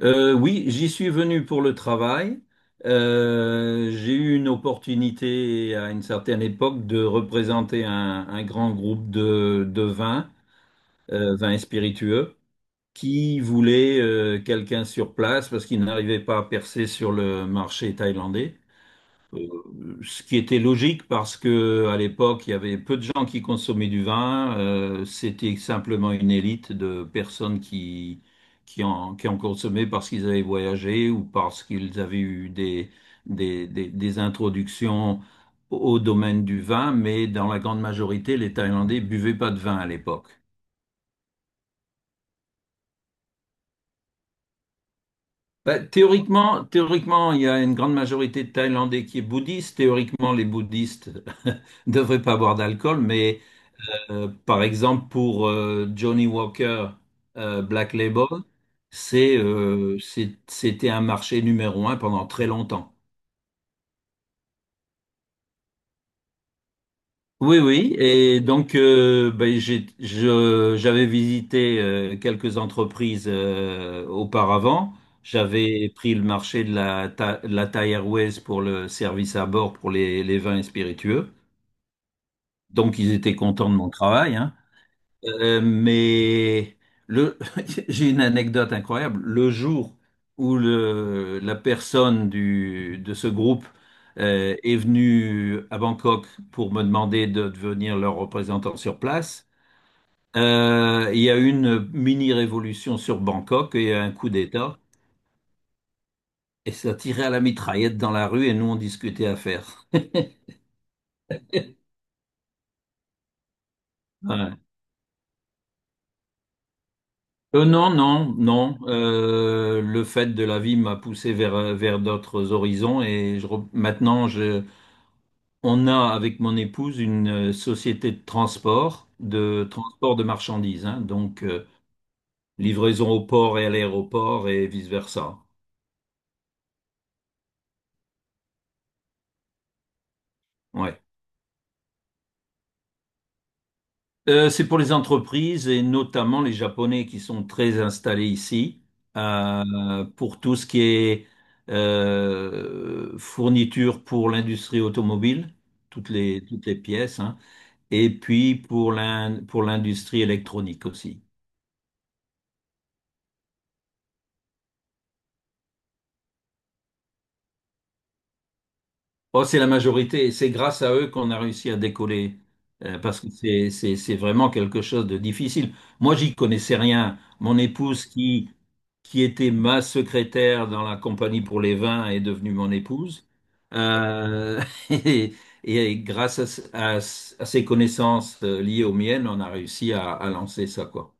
Oui, j'y suis venu pour le travail. J'ai eu une opportunité à une certaine époque de représenter un grand groupe de vins, vins et spiritueux, qui voulait quelqu'un sur place parce qu'il n'arrivait pas à percer sur le marché thaïlandais. Ce qui était logique parce que à l'époque, il y avait peu de gens qui consommaient du vin. C'était simplement une élite de personnes qui en consommaient parce qu'ils avaient voyagé ou parce qu'ils avaient eu des introductions au domaine du vin. Mais dans la grande majorité, les Thaïlandais buvaient pas de vin à l'époque. Bah, théoriquement, théoriquement, il y a une grande majorité de Thaïlandais qui est bouddhiste. Théoriquement, les bouddhistes ne devraient pas boire d'alcool, mais par exemple, pour Johnny Walker Black Label, c'était un marché numéro un pendant très longtemps. Oui, oui, et donc ben, j'avais visité quelques entreprises auparavant. J'avais pris le marché de la Thai Airways pour le service à bord pour les vins et spiritueux. Donc ils étaient contents de mon travail, hein. Mais le, j'ai une anecdote incroyable. Le jour où la personne de ce groupe est venue à Bangkok pour me demander de devenir leur représentant sur place, il y a eu une mini-révolution sur Bangkok et il y a eu un coup d'État. Et ça tirait à la mitraillette dans la rue et nous on discutait affaires. Non, non, non. Le fait de la vie m'a poussé vers d'autres horizons et maintenant, on a avec mon épouse une société de transport, de transport de marchandises, hein. Donc livraison au port et à l'aéroport et vice-versa. Ouais. C'est pour les entreprises et notamment les Japonais qui sont très installés ici pour tout ce qui est fourniture pour l'industrie automobile, toutes les pièces, hein, et puis pour l'industrie électronique aussi. Oh, c'est la majorité et c'est grâce à eux qu'on a réussi à décoller parce que c'est vraiment quelque chose de difficile. Moi, j'y connaissais rien. Mon épouse, qui était ma secrétaire dans la compagnie pour les vins, est devenue mon épouse. Euh, et, et grâce à ses connaissances liées aux miennes, on a réussi à lancer ça, quoi.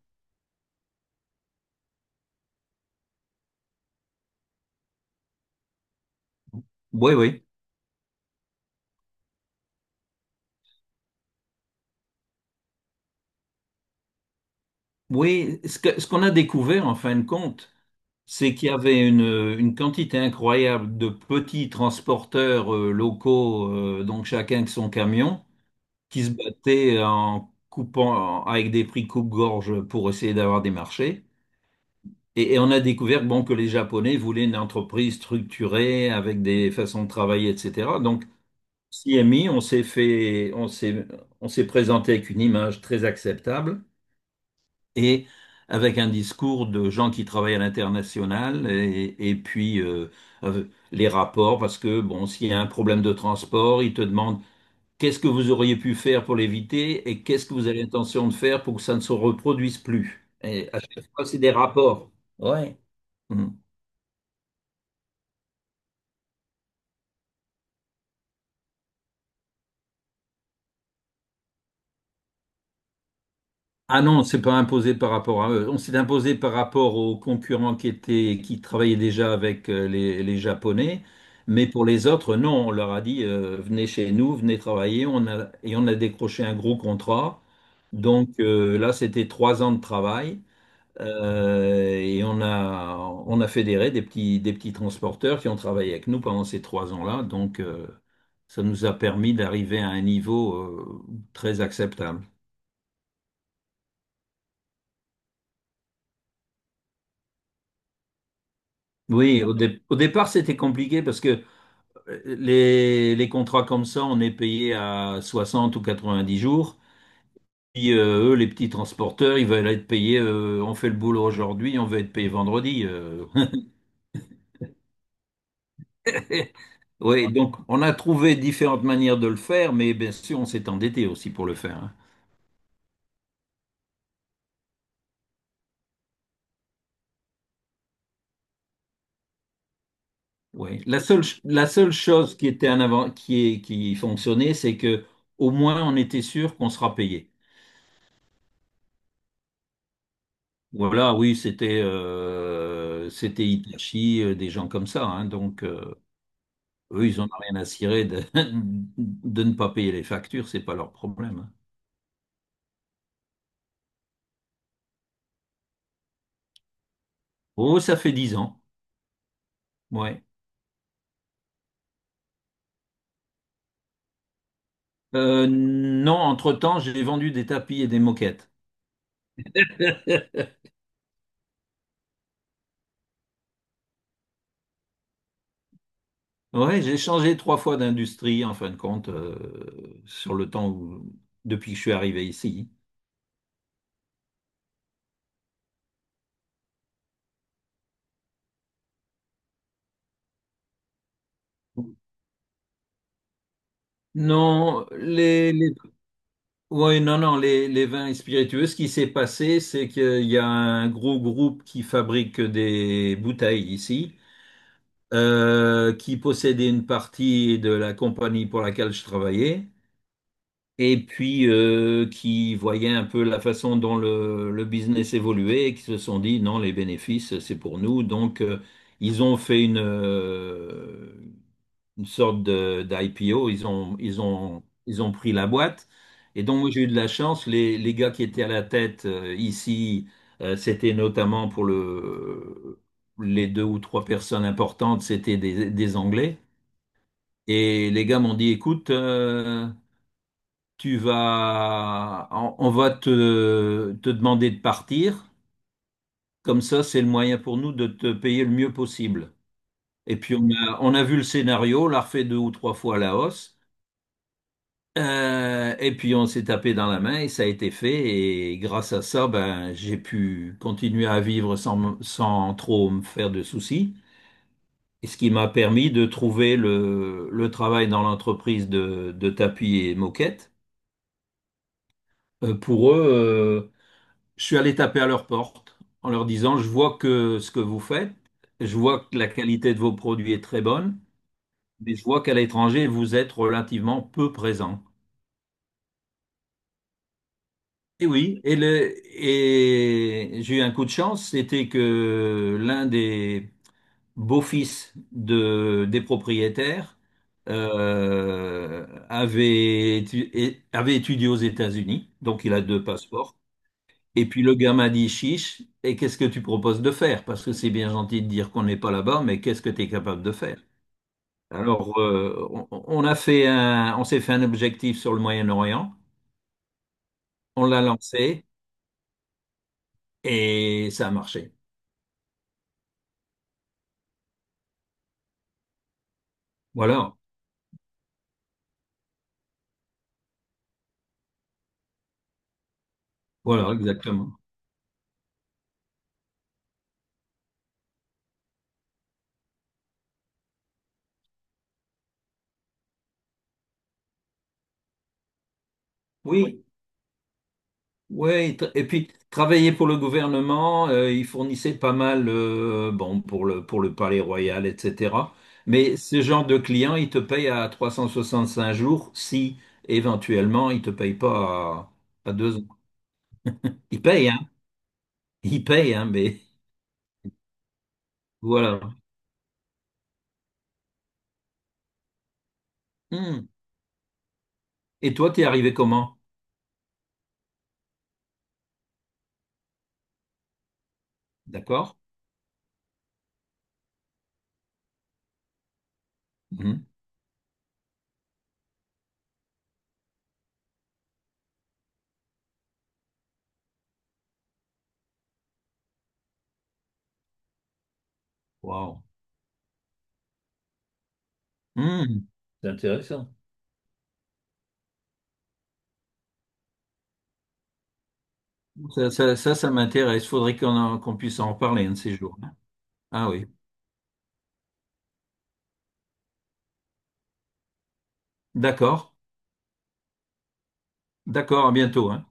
Oui, oui. Oui, ce qu'on a découvert en fin de compte, c'est qu'il y avait une quantité incroyable de petits transporteurs locaux, donc chacun avec son camion, qui se battaient avec des prix coupe-gorge pour essayer d'avoir des marchés. Et on a découvert bon, que les Japonais voulaient une entreprise structurée avec des façons de travailler, etc. Donc, CMI, on s'est fait, on s'est présenté avec une image très acceptable et avec un discours de gens qui travaillent à l'international et puis les rapports parce que bon, s'il y a un problème de transport, ils te demandent qu'est-ce que vous auriez pu faire pour l'éviter et qu'est-ce que vous avez l'intention de faire pour que ça ne se reproduise plus. Et à chaque fois, c'est des rapports. Ouais. Mm. Ah non, c'est pas imposé par rapport à eux. On s'est imposé par rapport aux concurrents qui travaillaient déjà avec les Japonais. Mais pour les autres, non, on leur a dit, venez chez nous, venez travailler. Et on a décroché un gros contrat. Donc là, c'était 3 ans de travail. Et on a fédéré des petits transporteurs qui ont travaillé avec nous pendant ces 3 ans-là. Donc ça nous a permis d'arriver à un niveau très acceptable. Oui, au départ, c'était compliqué parce que les contrats comme ça, on est payé à 60 ou 90 jours. Puis eux, les petits transporteurs, ils veulent être payés, on fait le boulot aujourd'hui, on veut être payé vendredi. Oui, donc on a trouvé différentes manières de le faire, mais bien sûr, on s'est endetté aussi pour le faire, hein. Oui. La seule chose qui était un avant, qui fonctionnait, c'est que au moins on était sûr qu'on sera payé. Voilà, oui, c'était Hitachi, des gens comme ça, hein. Donc, eux, ils n'en ont rien à cirer de ne pas payer les factures, c'est pas leur problème, hein. Oh, ça fait 10 ans. Ouais. Non, entre-temps, j'ai vendu des tapis et des moquettes. Ouais, j'ai changé trois fois d'industrie, en fin de compte, sur le temps où, depuis que je suis arrivé ici. Non, les Oui, non, non, les vins et spiritueux, ce qui s'est passé, c'est qu'il y a un gros groupe qui fabrique des bouteilles ici, qui possédait une partie de la compagnie pour laquelle je travaillais, et puis qui voyait un peu la façon dont le business évoluait, et qui se sont dit, non, les bénéfices, c'est pour nous. Donc, ils ont fait une sorte de d'IPO. Ils ont pris la boîte. Et donc, moi, j'ai eu de la chance. Les gars qui étaient à la tête ici, c'était notamment les deux ou trois personnes importantes, c'était des Anglais. Et les gars m'ont dit, écoute, on va te demander de partir. Comme ça, c'est le moyen pour nous de te payer le mieux possible. Et puis on a vu le scénario, on l'a refait deux ou trois fois à la hausse. Et puis on s'est tapé dans la main et ça a été fait. Et grâce à ça, ben, j'ai pu continuer à vivre sans trop me faire de soucis. Et ce qui m'a permis de trouver le travail dans l'entreprise de tapis et moquettes. Pour eux, je suis allé taper à leur porte en leur disant, je vois que ce que vous faites, je vois que la qualité de vos produits est très bonne, mais je vois qu'à l'étranger, vous êtes relativement peu présent. Et oui, et j'ai eu un coup de chance, c'était que l'un des beaux-fils des propriétaires avait étudié aux États-Unis, donc il a deux passeports. Et puis le gars m'a dit, chiche, et qu'est-ce que tu proposes de faire? Parce que c'est bien gentil de dire qu'on n'est pas là-bas, mais qu'est-ce que tu es capable de faire? Alors, on s'est fait un objectif sur le Moyen-Orient, on l'a lancé et ça a marché. Voilà. Voilà, exactement. Oui, ouais, et puis travailler pour le gouvernement, il fournissait pas mal, bon, pour le Palais Royal, etc. Mais ce genre de client, il te paye à 365 jours si éventuellement il te paye pas à 2 ans. Il paye, hein? Il paye, hein, mais voilà. Hmm. Et toi, t'es arrivé comment? D'accord? Hmm. Wow. Hmm. C'est intéressant. Ça m'intéresse. Faudrait qu'on puisse en reparler un de ces jours, hein. Ah oui. D'accord, d'accord, à bientôt, hein.